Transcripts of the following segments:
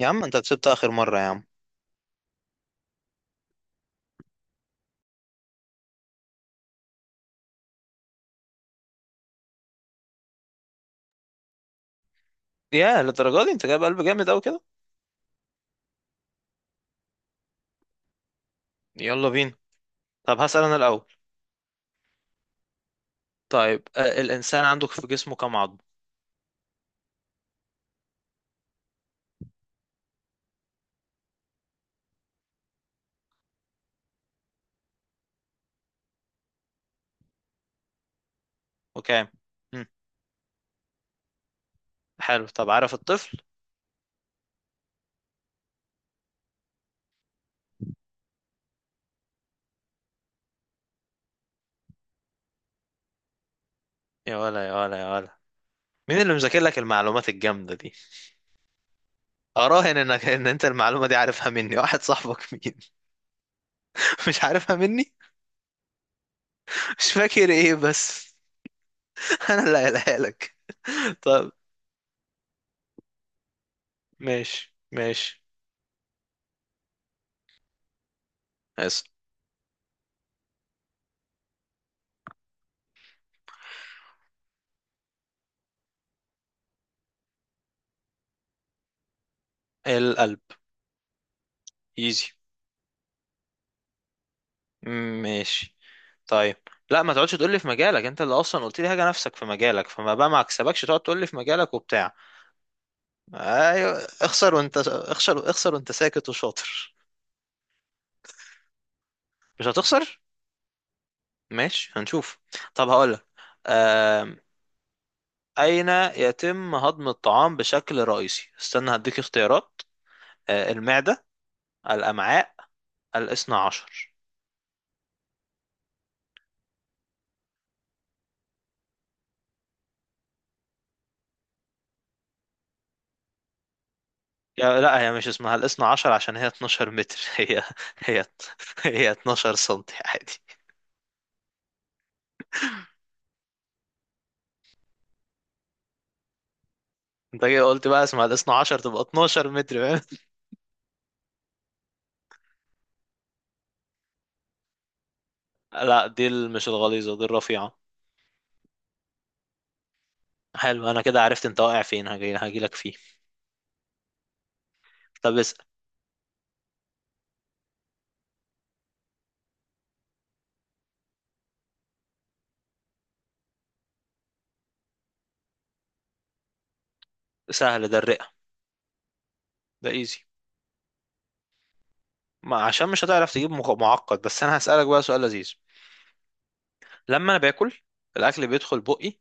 يا عم انت كسبت اخر مرة يا عم. يا للدرجة دي، انت جايب قلب جامد اوي كده. يلا بينا. طب هسأل انا الاول. طيب، الانسان عندك في جسمه كام عظم؟ وكام؟ مم. حلو، طب عارف الطفل؟ يا ولا يا ولا يا ولا، مين اللي مذاكر لك المعلومات الجامدة دي؟ اراهن انك ان انت المعلومة دي عارفها مني. واحد صاحبك مين؟ مش عارفها مني. مش فاكر ايه بس؟ انا اللي قايلها لك. طب ماشي ماشي. اسأل. القلب. ايزي. ماشي. طيب، لا ما تقعدش تقول لي في مجالك. انت اللي اصلا قلت لي حاجه نفسك في مجالك، فما بقى ما اكسبكش تقعد تقول لي في مجالك وبتاع. ايوه اخسر، وانت اخسر اخسر وانت ساكت وشاطر. مش هتخسر؟ ماشي هنشوف. طب هقول لك، اين يتم هضم الطعام بشكل رئيسي؟ استنى هديك اختيارات. المعده، الامعاء، الاثنى عشر. يا لا، هي مش اسمها الاثنى عشر عشان هي 12 متر. هي هي 12 سنتي عادي. انت كده قلت بقى، اسمع، الاثنا عشر تبقى 12 متر، فاهم؟ لا، دي مش الغليظة، دي الرفيعة. حلو، انا كده عرفت انت واقع فين، هجيلك فيه. طب اسأل. سهل، ده الرئة. ده ايزي. ما عشان مش هتعرف تجيب معقد، بس انا هسألك بقى سؤال لذيذ. لما انا باكل، الاكل بيدخل بقي،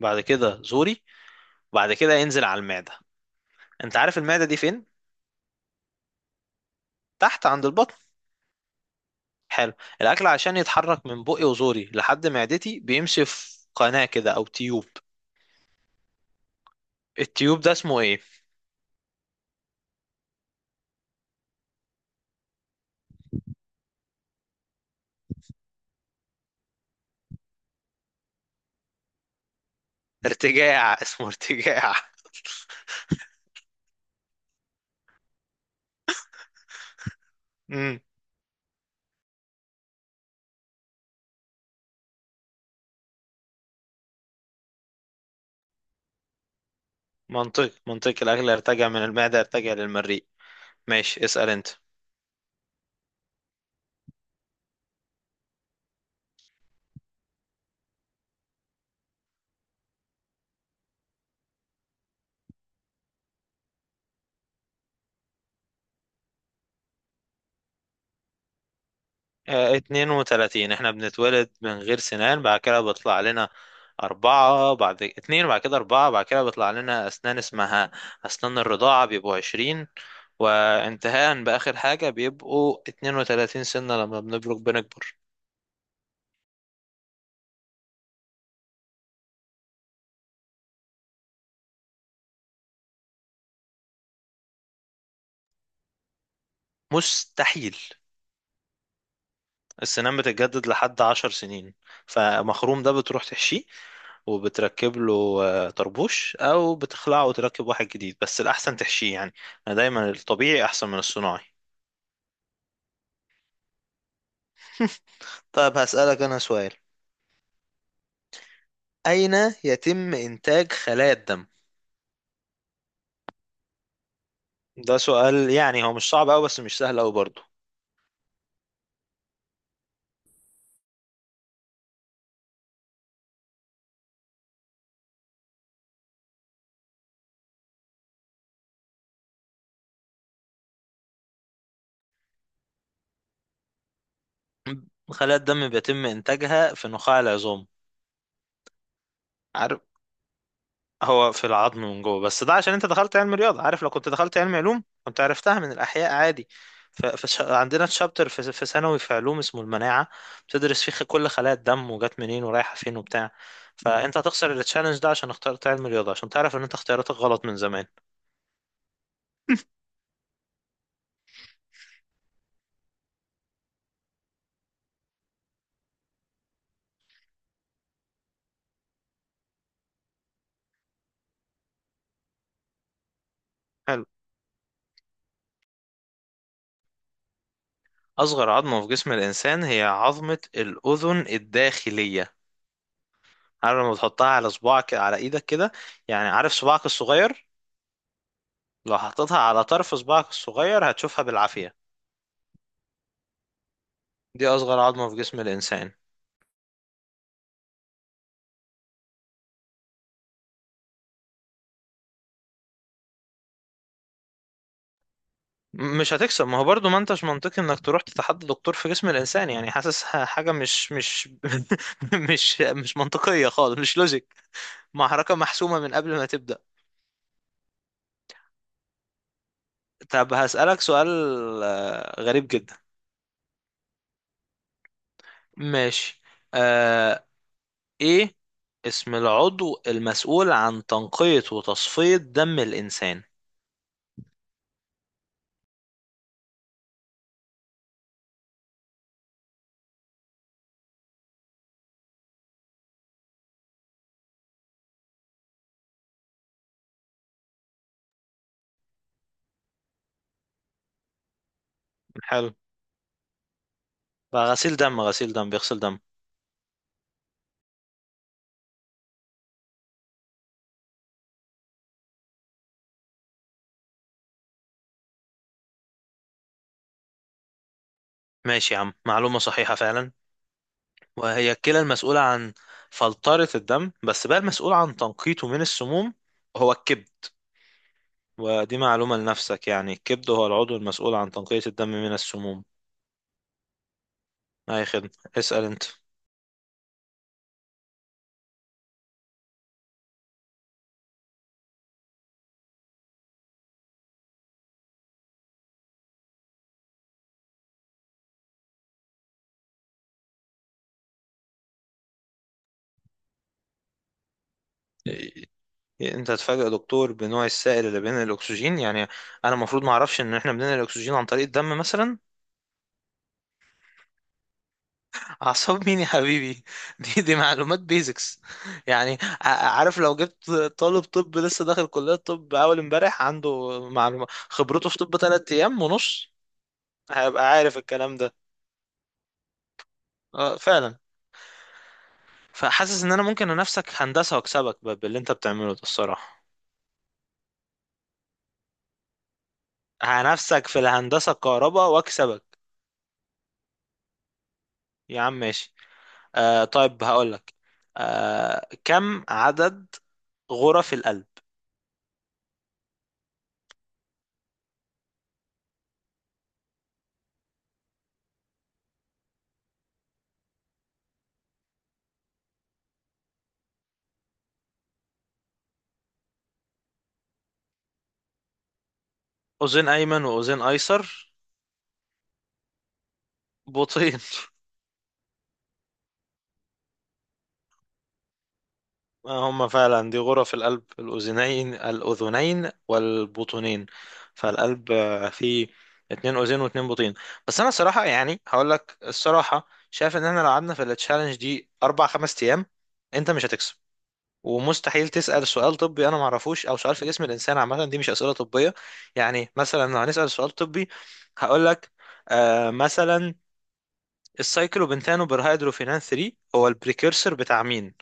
بعد كده زوري، بعد كده ينزل على المعدة. انت عارف المعدة دي فين؟ تحت عند البطن. حلو. الاكل عشان يتحرك من بقي وزوري لحد معدتي بيمشي في قناة كده او تيوب. التيوب ده اسمه ايه؟ ارتجاع، اسمه ارتجاع. امم. منطق، الاكل يرتجع من المعده، يرتجع للمريء. ماشي، اسال انت. 32، احنا بنتولد من غير سنان، بعد كده بيطلع لنا أربعة، بعد اتنين، بعد كده أربعة، بعد كده بيطلع لنا أسنان اسمها أسنان الرضاعة بيبقوا عشرين، وانتهاء بآخر حاجة بيبقوا اتنين وتلاتين سنة لما بنبلغ بنكبر. مستحيل. السنان بتتجدد لحد عشر سنين. فمخروم ده بتروح تحشيه وبتركب له طربوش، او بتخلعه وتركب واحد جديد، بس الاحسن تحشيه يعني. انا دايما الطبيعي احسن من الصناعي. طيب هسألك أنا سؤال. أين يتم إنتاج خلايا الدم؟ ده سؤال يعني هو مش صعب أوي، بس مش سهل أوي برضه. خلايا الدم بيتم إنتاجها في نخاع العظام. عارف، هو في العظم من جوه، بس ده عشان انت دخلت علم رياضة. عارف لو كنت دخلت علم علوم كنت عرفتها من الأحياء عادي. عندنا تشابتر في ثانوي في علوم اسمه المناعة. بتدرس فيه كل خلايا الدم وجات منين ورايحة فين وبتاع. فانت هتخسر التشالنج ده عشان اخترت علم رياضة، عشان تعرف ان انت اختياراتك غلط من زمان. حلو. أصغر عظمة في جسم الإنسان هي عظمة الأذن الداخلية. عارف لما بتحطها على صباعك، على إيدك كده؟ يعني عارف صباعك الصغير؟ لو حطيتها على طرف صباعك الصغير هتشوفها بالعافية. دي اصغر عظمة في جسم الانسان. مش هتكسب. ما هو برضو ما انتش منطقي انك تروح تتحدى دكتور في جسم الانسان، يعني حاسس حاجة مش مش منطقية خالص، مش لوجيك. محركة محسومة من قبل ما تبدأ. طب هسألك سؤال غريب جدا. ماشي. آه ايه اسم العضو المسؤول عن تنقية وتصفية دم الانسان؟ حلو، بقى غسيل دم، غسيل دم بيغسل دم. ماشي يا عم، معلومة صحيحة فعلا. وهي الكلى المسؤولة عن فلترة الدم، بس بقى المسؤول عن تنقيته من السموم هو الكبد. ودي معلومة لنفسك، يعني الكبد هو العضو المسؤول عن تنقية الدم من السموم. أي خدمة. اسأل أنت. إيه، أنت هتفاجئ دكتور بنوع السائل اللي بينقل الأكسجين؟ يعني أنا المفروض ما أعرفش إن إحنا بننقل الأكسجين عن طريق الدم مثلا؟ أعصاب مين يا حبيبي؟ دي معلومات بيزكس. يعني عارف لو جبت طالب طب لسه داخل كلية طب أول امبارح، عنده معلومة خبرته في طب تلات أيام ونص، هيبقى عارف الكلام ده. اه فعلا. فحاسس انا ممكن انافسك هندسة واكسبك باللي انت بتعمله ده الصراحة. هنافسك في الهندسة الكهرباء واكسبك. يا عم ماشي. طيب هقولك، كم عدد غرف القلب؟ أذين أيمن وأذين أيسر، بطين. آه، هم فعلا دي غرف القلب، الأذنين والبطنين. فالقلب فيه اتنين أذين واتنين بطين. بس أنا صراحة يعني هقول لك الصراحة، شايف إن إحنا لو قعدنا في التشالنج دي أربع خمس أيام، أنت مش هتكسب. ومستحيل تسأل سؤال طبي أنا معرفوش، أو سؤال في جسم الإنسان عامة. دي مش أسئلة طبية. يعني مثلا لو هنسأل سؤال طبي هقول لك، مثلا، السايكلوبنتانو برهيدروفينان 3 هو البريكيرسر بتاع مين؟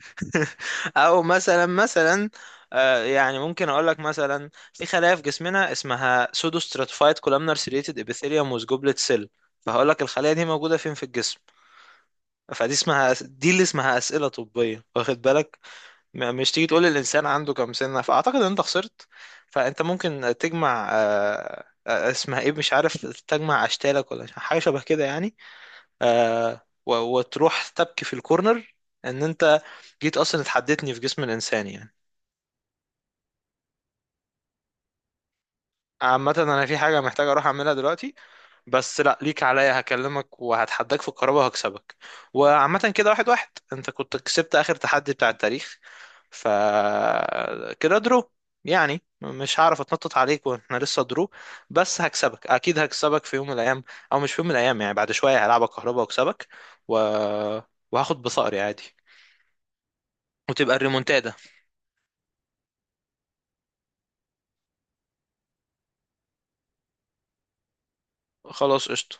او مثلا، يعني ممكن اقول لك مثلا في خلايا في جسمنا اسمها سودو ستراتيفايد كولامنار سيريتد ابيثيليوم ووز جوبلت سيل، فهقول لك الخلايا دي موجوده فين في الجسم. فدي اسمها، دي اللي اسمها اسئله طبيه، واخد بالك؟ مش تيجي تقول الانسان عنده كام سنه. فاعتقد ان انت خسرت. فانت ممكن تجمع، اسمها ايه، مش عارف، تجمع اشكالك ولا حاجه شبه كده يعني. آه، وتروح تبكي في الكورنر ان انت جيت اصلا اتحدتني في جسم الانسان يعني. عامة انا في حاجة محتاج اروح اعملها دلوقتي، بس لا ليك عليا، هكلمك وهتحداك في القرابة وهكسبك. وعامة كده، واحد واحد، انت كنت كسبت اخر تحدي بتاع التاريخ، ف كده درو، يعني مش هعرف اتنطط عليك واحنا لسه درو. بس هكسبك اكيد، هكسبك في يوم من الايام. او مش في يوم من الايام، يعني بعد شوية هلعبك كهربا واكسبك و... وهاخد بصقري عادي. وتبقى الريمونتادا. خلاص قشطة.